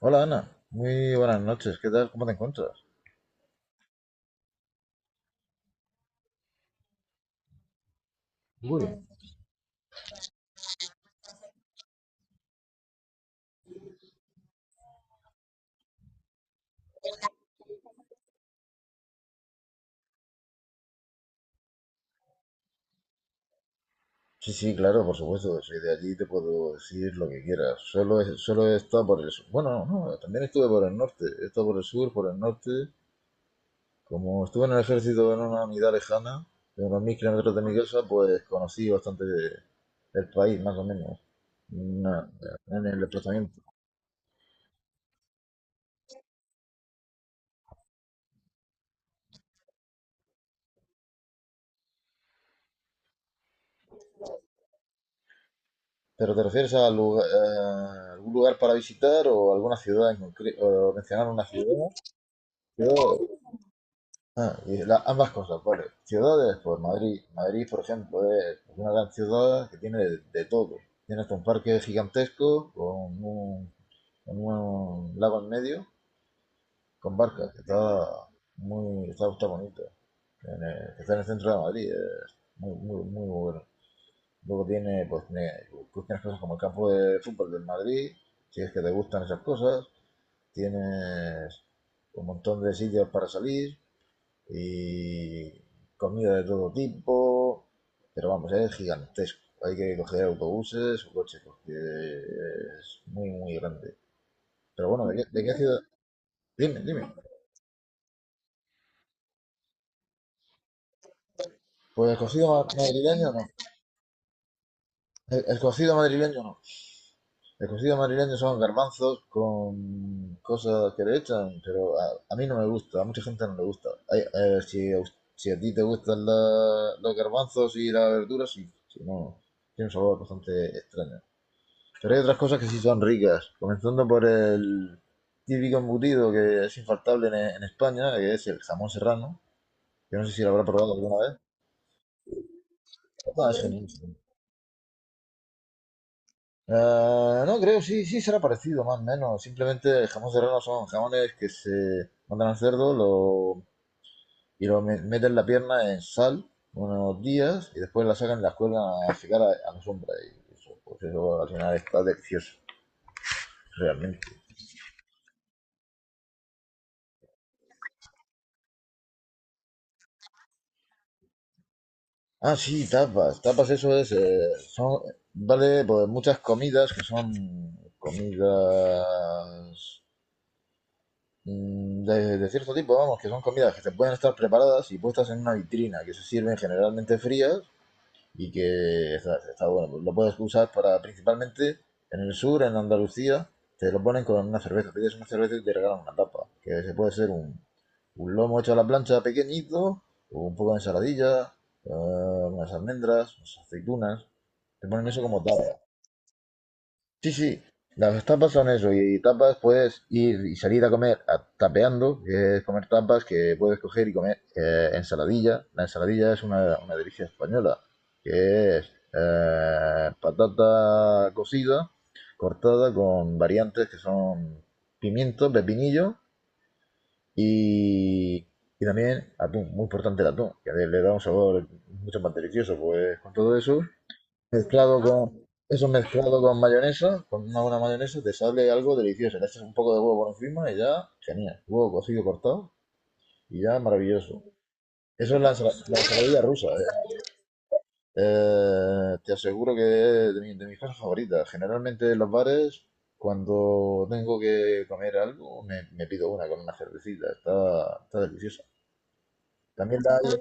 Hola Ana, muy buenas noches, ¿qué tal? ¿Cómo te encuentras? Muy bien. Sí, sí, claro, por supuesto, soy de allí y te puedo decir lo que quieras. Solo he estado por el sur. Bueno, no, no, también estuve por el norte, he estado por el sur, por el norte. Como estuve en el ejército en una unidad lejana, de unos 1000 km de mi casa, pues conocí bastante del país, más o menos, na- en el desplazamiento. ¿Pero te refieres a, a algún lugar para visitar o alguna ciudad en concreto? ¿O mencionar una ciudad? Yo- Ah, ambas cosas, vale. Ciudades, pues Madrid. Madrid, por ejemplo, es pues, una gran ciudad que tiene de todo. Tienes un parque gigantesco con un lago en medio, con barcas, que está bonito. Que está en el centro de Madrid, es muy bueno. Luego tienes cosas como el campo de fútbol del Madrid, si es que te gustan esas cosas. Tienes un montón de sitios para salir, y comida de todo tipo, pero vamos, es gigantesco. Hay que coger autobuses o coches porque es muy grande. Pero bueno, ¿ de qué ciudad? Dime. Pues madrileño no. El cocido madrileño no. El cocido madrileño son garbanzos con cosas que le echan, pero a mí no me gusta, a mucha gente no le gusta. Si, si a ti te gustan los garbanzos y las verduras, sí. Si no, tiene un sabor bastante extraño. Pero hay otras cosas que sí son ricas, comenzando por el típico embutido que es infaltable en España, que es el jamón serrano. Yo no sé si lo habrá probado alguna vez. No, es buenísimo. No, creo, sí, sí será parecido, más o menos. Simplemente el jamón serrano son jamones que se mandan al cerdo lo, y lo meten la pierna en sal unos días y después la sacan y la cuelgan a secar a la sombra. Y eso, pues eso al final está delicioso, realmente. Ah, sí, tapas. Tapas, eso es. Son, vale, pues muchas comidas que son comidas de cierto tipo, vamos, que son comidas que se pueden estar preparadas y puestas en una vitrina, que se sirven generalmente frías y que está bueno. Lo puedes usar para principalmente en el sur, en Andalucía, te lo ponen con una cerveza. Pides una cerveza y te regalan una tapa, que se puede ser un lomo hecho a la plancha pequeñito, o un poco de ensaladilla, unas almendras, unas aceitunas. Te ponen eso como tapa. Sí, sí, las tapas son eso, y tapas puedes ir y salir a tapeando, que es comer tapas que puedes coger y comer ensaladilla. La ensaladilla es una delicia española, que es patata cocida, cortada con variantes que son pimiento, pepinillo y, y también atún, muy importante el atún, que le da un sabor mucho más delicioso, pues con todo eso mezclado. Ah, eso mezclado con mayonesa, con una buena mayonesa, te sale algo delicioso. Le echas un poco de huevo por encima y ya, genial. Huevo cocido cortado y ya maravilloso. Eso es la ensaladilla rusa, ¿eh? Te aseguro que es de mis cosas favoritas. Generalmente en los bares, cuando tengo que comer algo, me pido una con una cervecita. Está deliciosa. También la hay...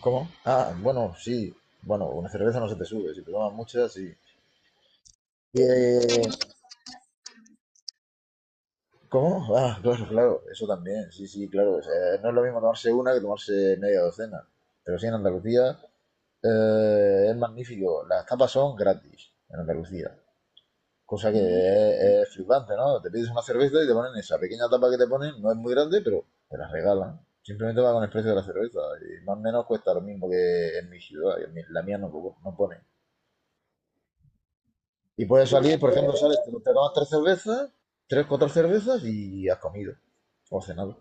¿Cómo? Ah, bueno, sí. Bueno, una cerveza no se te sube. Si te tomas muchas, sí. Y, ¿cómo? Ah, claro, claro, eso también, sí, sí, claro. O sea, no es lo mismo tomarse una que tomarse media docena. Pero sí, en Andalucía es magnífico. Las tapas son gratis en Andalucía, cosa que es flipante, ¿no? Te pides una cerveza y te ponen esa pequeña tapa que te ponen, no es muy grande, pero te la regalan. Simplemente va con el precio de la cerveza y más o menos cuesta lo mismo que en mi ciudad, y en la mía no, no pone. Y puedes salir, por ejemplo, sales, te tomas tres cervezas, tres, cuatro cervezas y has comido o cenado.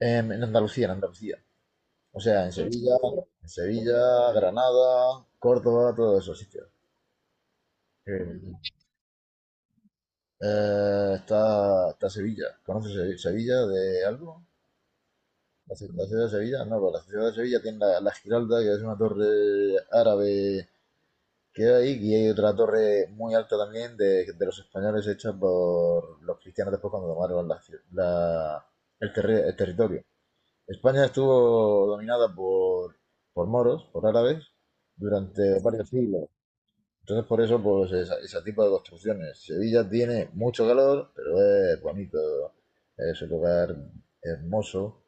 En Andalucía, en Andalucía. O sea, en Sevilla, serio. En Sevilla, Granada, Córdoba, todos esos sitios. Eh, Está Sevilla. ¿Conoces Sevilla de algo? ¿La, la ciudad de Sevilla? No, pero la ciudad de Sevilla tiene la Giralda, que es una torre árabe que hay, y hay otra torre muy alta también de los españoles hecha por los cristianos después cuando tomaron la ci- la- el terre- el territorio. España estuvo dominada por moros, por árabes, durante varios siglos. Entonces, por eso, pues, ese tipo de construcciones. Sevilla tiene mucho calor, pero es bonito, es un lugar hermoso,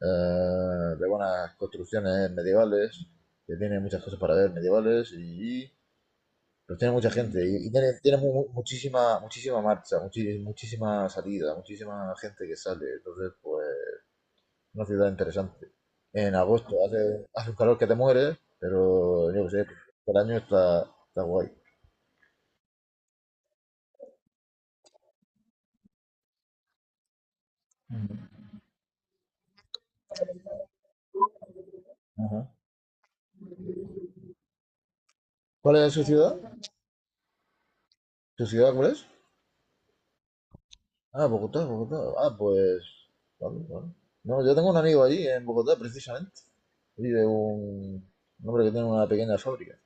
eh, de buenas construcciones medievales, que tiene muchas cosas para ver medievales y pues tiene mucha gente y tiene, tiene muchísima, muchísima marcha, muchísima salida, muchísima gente que sale. Entonces, pues una ciudad interesante. En agosto hace, hace un calor que te mueres, pero yo qué sé, por año está, está guay. Ujú. Ajá. ¿Cuál es su ciudad? ¿Su ciudad cuál es? Ah, Bogotá, Bogotá. Ah, pues. Vale, vale. No, yo tengo un amigo allí en Bogotá, precisamente. Vive un hombre que tiene una pequeña fábrica.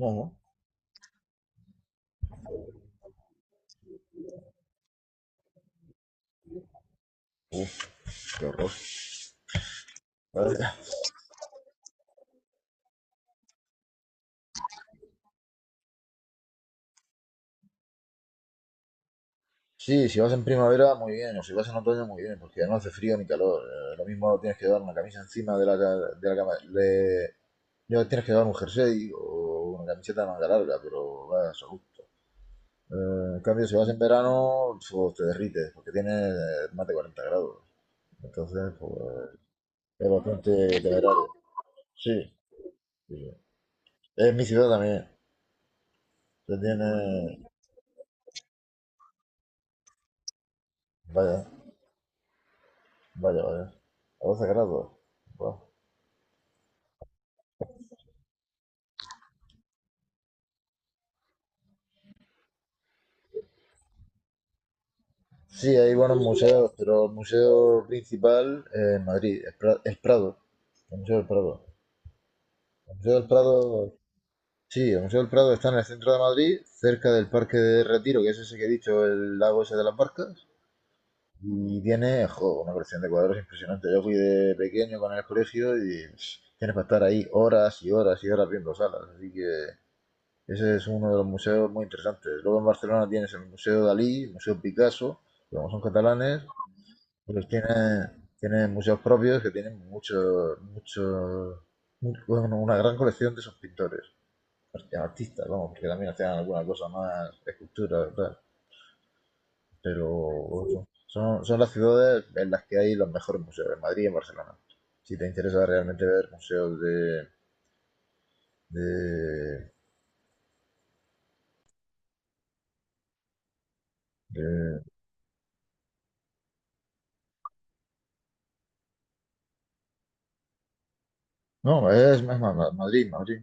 Ajá. Uf, qué horror. Vale. Sí, si vas en primavera, muy bien, o si vas en otoño, muy bien, porque no hace frío ni calor. Lo mismo tienes que dar una camisa encima de de la cama. Ya tienes que dar un jersey o una camiseta de manga larga, pero vas a gusto. En cambio, si vas en verano, pues, te derrites, porque tiene más de 40 grados. Entonces, pues, es bastante temerario. Sí, sí, sí. En mi ciudad también. Se tiene. Vaya, vaya, vaya. A 12 grados. Buah. Sí, hay buenos museos, pero el museo principal en Madrid, es el Prado. El Museo del Prado. El Museo del Prado, sí, el Museo del Prado está en el centro de Madrid, cerca del Parque de Retiro, que es ese que he dicho, el lago ese de las barcas. Y tiene, jo, una colección de cuadros impresionante. Yo fui de pequeño con el colegio y pff, tienes para estar ahí horas y horas y horas viendo salas. Así que ese es uno de los museos muy interesantes. Luego en Barcelona tienes el Museo Dalí, el Museo Picasso, que como son catalanes, pero tiene, tiene museos propios que tienen mucho, mucho, bueno, una gran colección de esos pintores, artistas, vamos, porque también hacían alguna cosa más, esculturas, tal. Pero eso, son, son las ciudades en las que hay los mejores museos, en Madrid y en Barcelona. Si te interesa realmente ver museos de, de- no, es más, Madrid, Madrid.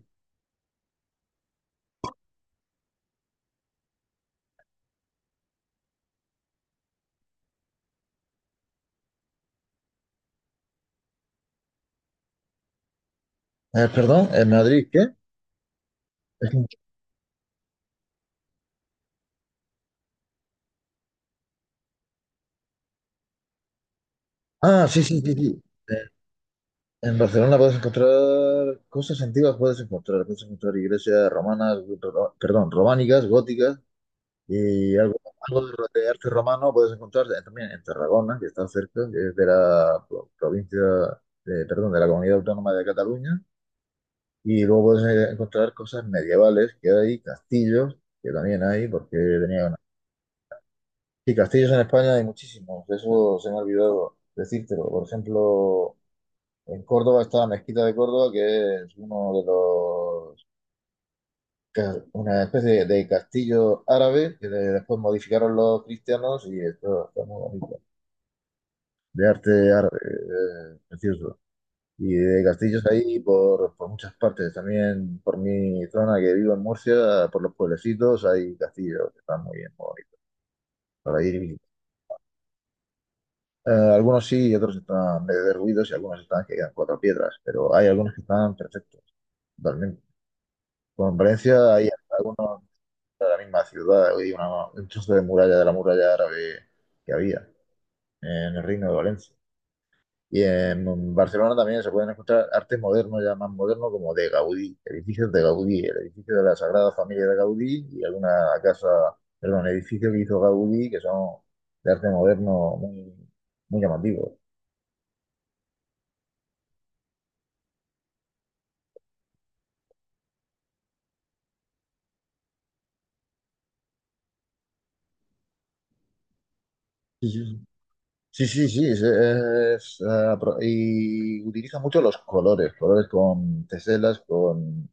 Perdón, en Madrid, ¿qué? Es- Ah, sí, sí, sí, sí. Eh, En Barcelona puedes encontrar cosas antiguas, puedes encontrar iglesias romanas, perdón, románicas, góticas, y algo, algo de arte romano puedes encontrar también en Tarragona, que está cerca, que es de la provincia, perdón, de la Comunidad Autónoma de Cataluña, y luego puedes encontrar cosas medievales que hay, castillos, que también hay, porque tenía una... Sí, castillos en España hay muchísimos, eso se me ha olvidado decírtelo, por ejemplo... En Córdoba está la Mezquita de Córdoba, que es uno de los, una especie de castillo árabe que después modificaron los cristianos y esto está muy bonito, de arte árabe, precioso. Y de castillos ahí por muchas partes, también por mi zona que vivo en Murcia, por los pueblecitos hay castillos que están muy bien, muy bonitos para ir y visitar. Algunos sí y otros están medio derruidos y algunos están que quedan cuatro piedras, pero hay algunos que están perfectos. Totalmente. Bueno, Valencia hay algunos de la misma ciudad, hay un trozo de muralla de la muralla árabe que había en el Reino de Valencia. Y en Barcelona también se pueden encontrar arte moderno, ya más moderno, como de Gaudí, edificios de Gaudí, el edificio de la Sagrada Familia de Gaudí y alguna casa, perdón, edificio que hizo Gaudí, que son de arte moderno muy llamativos. Sí, sí, sí, sí, sí, sí, es, pro- Y utiliza mucho los colores, colores con teselas, con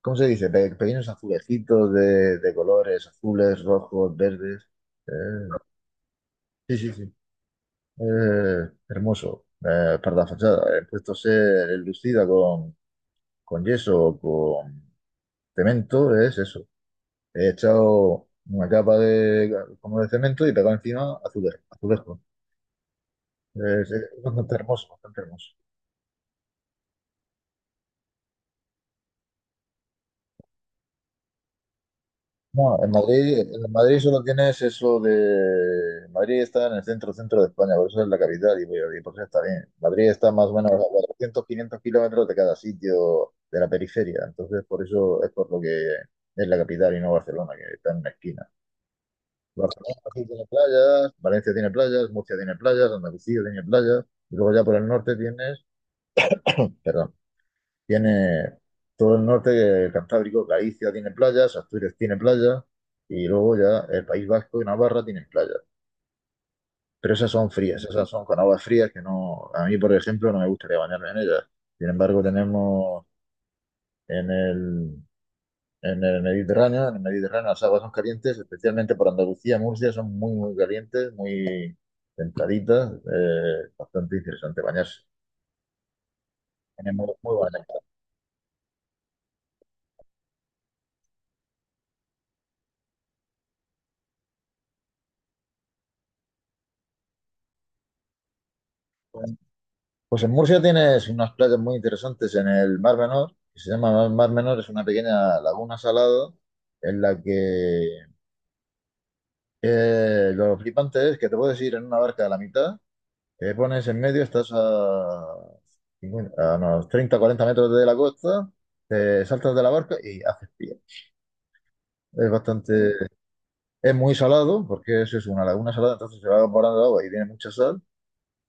¿cómo se dice? Pequeños azulejitos de colores azules, rojos, verdes. Eh, sí, sí, sí. Hermoso. Para la fachada. He puesto a ser enlucida con yeso o con cemento, es eso. He echado una capa de, como de cemento y pegado encima azulejo. Azulejo. Es bastante hermoso, bastante hermoso. No, en Madrid solo tienes eso de... Madrid está en el centro, centro de España, por eso es la capital y por eso está bien. Madrid está más o menos a 400 500 km de cada sitio de la periferia, entonces por eso es por lo que es la capital y no Barcelona, que está en una esquina. Barcelona sí tiene playas, Valencia tiene playas, Murcia tiene playas, Andalucía tiene playas, y luego ya por el norte tienes... Perdón. Tiene todo el norte Cantábrico, Galicia tiene playas, Asturias tiene playas y luego ya el País Vasco y Navarra tienen playas. Pero esas son frías, esas son con aguas frías que no, a mí por ejemplo no me gustaría bañarme en ellas. Sin embargo, tenemos en el, en el Mediterráneo las aguas son calientes, especialmente por Andalucía, Murcia son muy calientes, muy templaditas, bastante interesante bañarse. Tenemos muy buena. Pues en Murcia tienes unas playas muy interesantes en el Mar Menor, que se llama el Mar Menor, es una pequeña laguna salada en la que lo flipante es que te puedes ir en una barca a la mitad, te pones en medio, 50 a unos 30-40 metros de la costa, te saltas de la barca y haces pie. Es bastante, es muy salado, porque eso es una laguna salada, entonces se va evaporando agua y tiene mucha sal.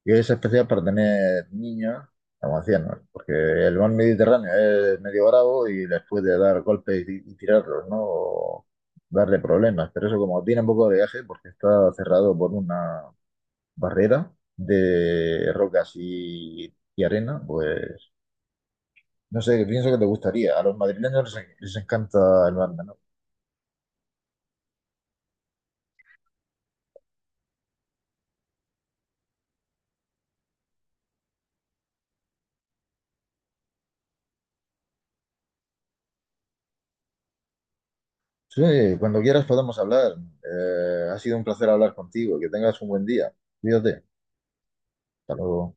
Y es especial para tener niños, como decíamos, porque el mar Mediterráneo es medio bravo y les puede dar golpes y tirarlos, ¿no? O darle problemas. Pero eso como tiene un poco de viaje, porque está cerrado por una barrera de rocas y arena, pues no sé, pienso que te gustaría. A los madrileños les encanta el mar, ¿no? Sí, cuando quieras podemos hablar. Ha sido un placer hablar contigo. Que tengas un buen día. Cuídate. Hasta luego.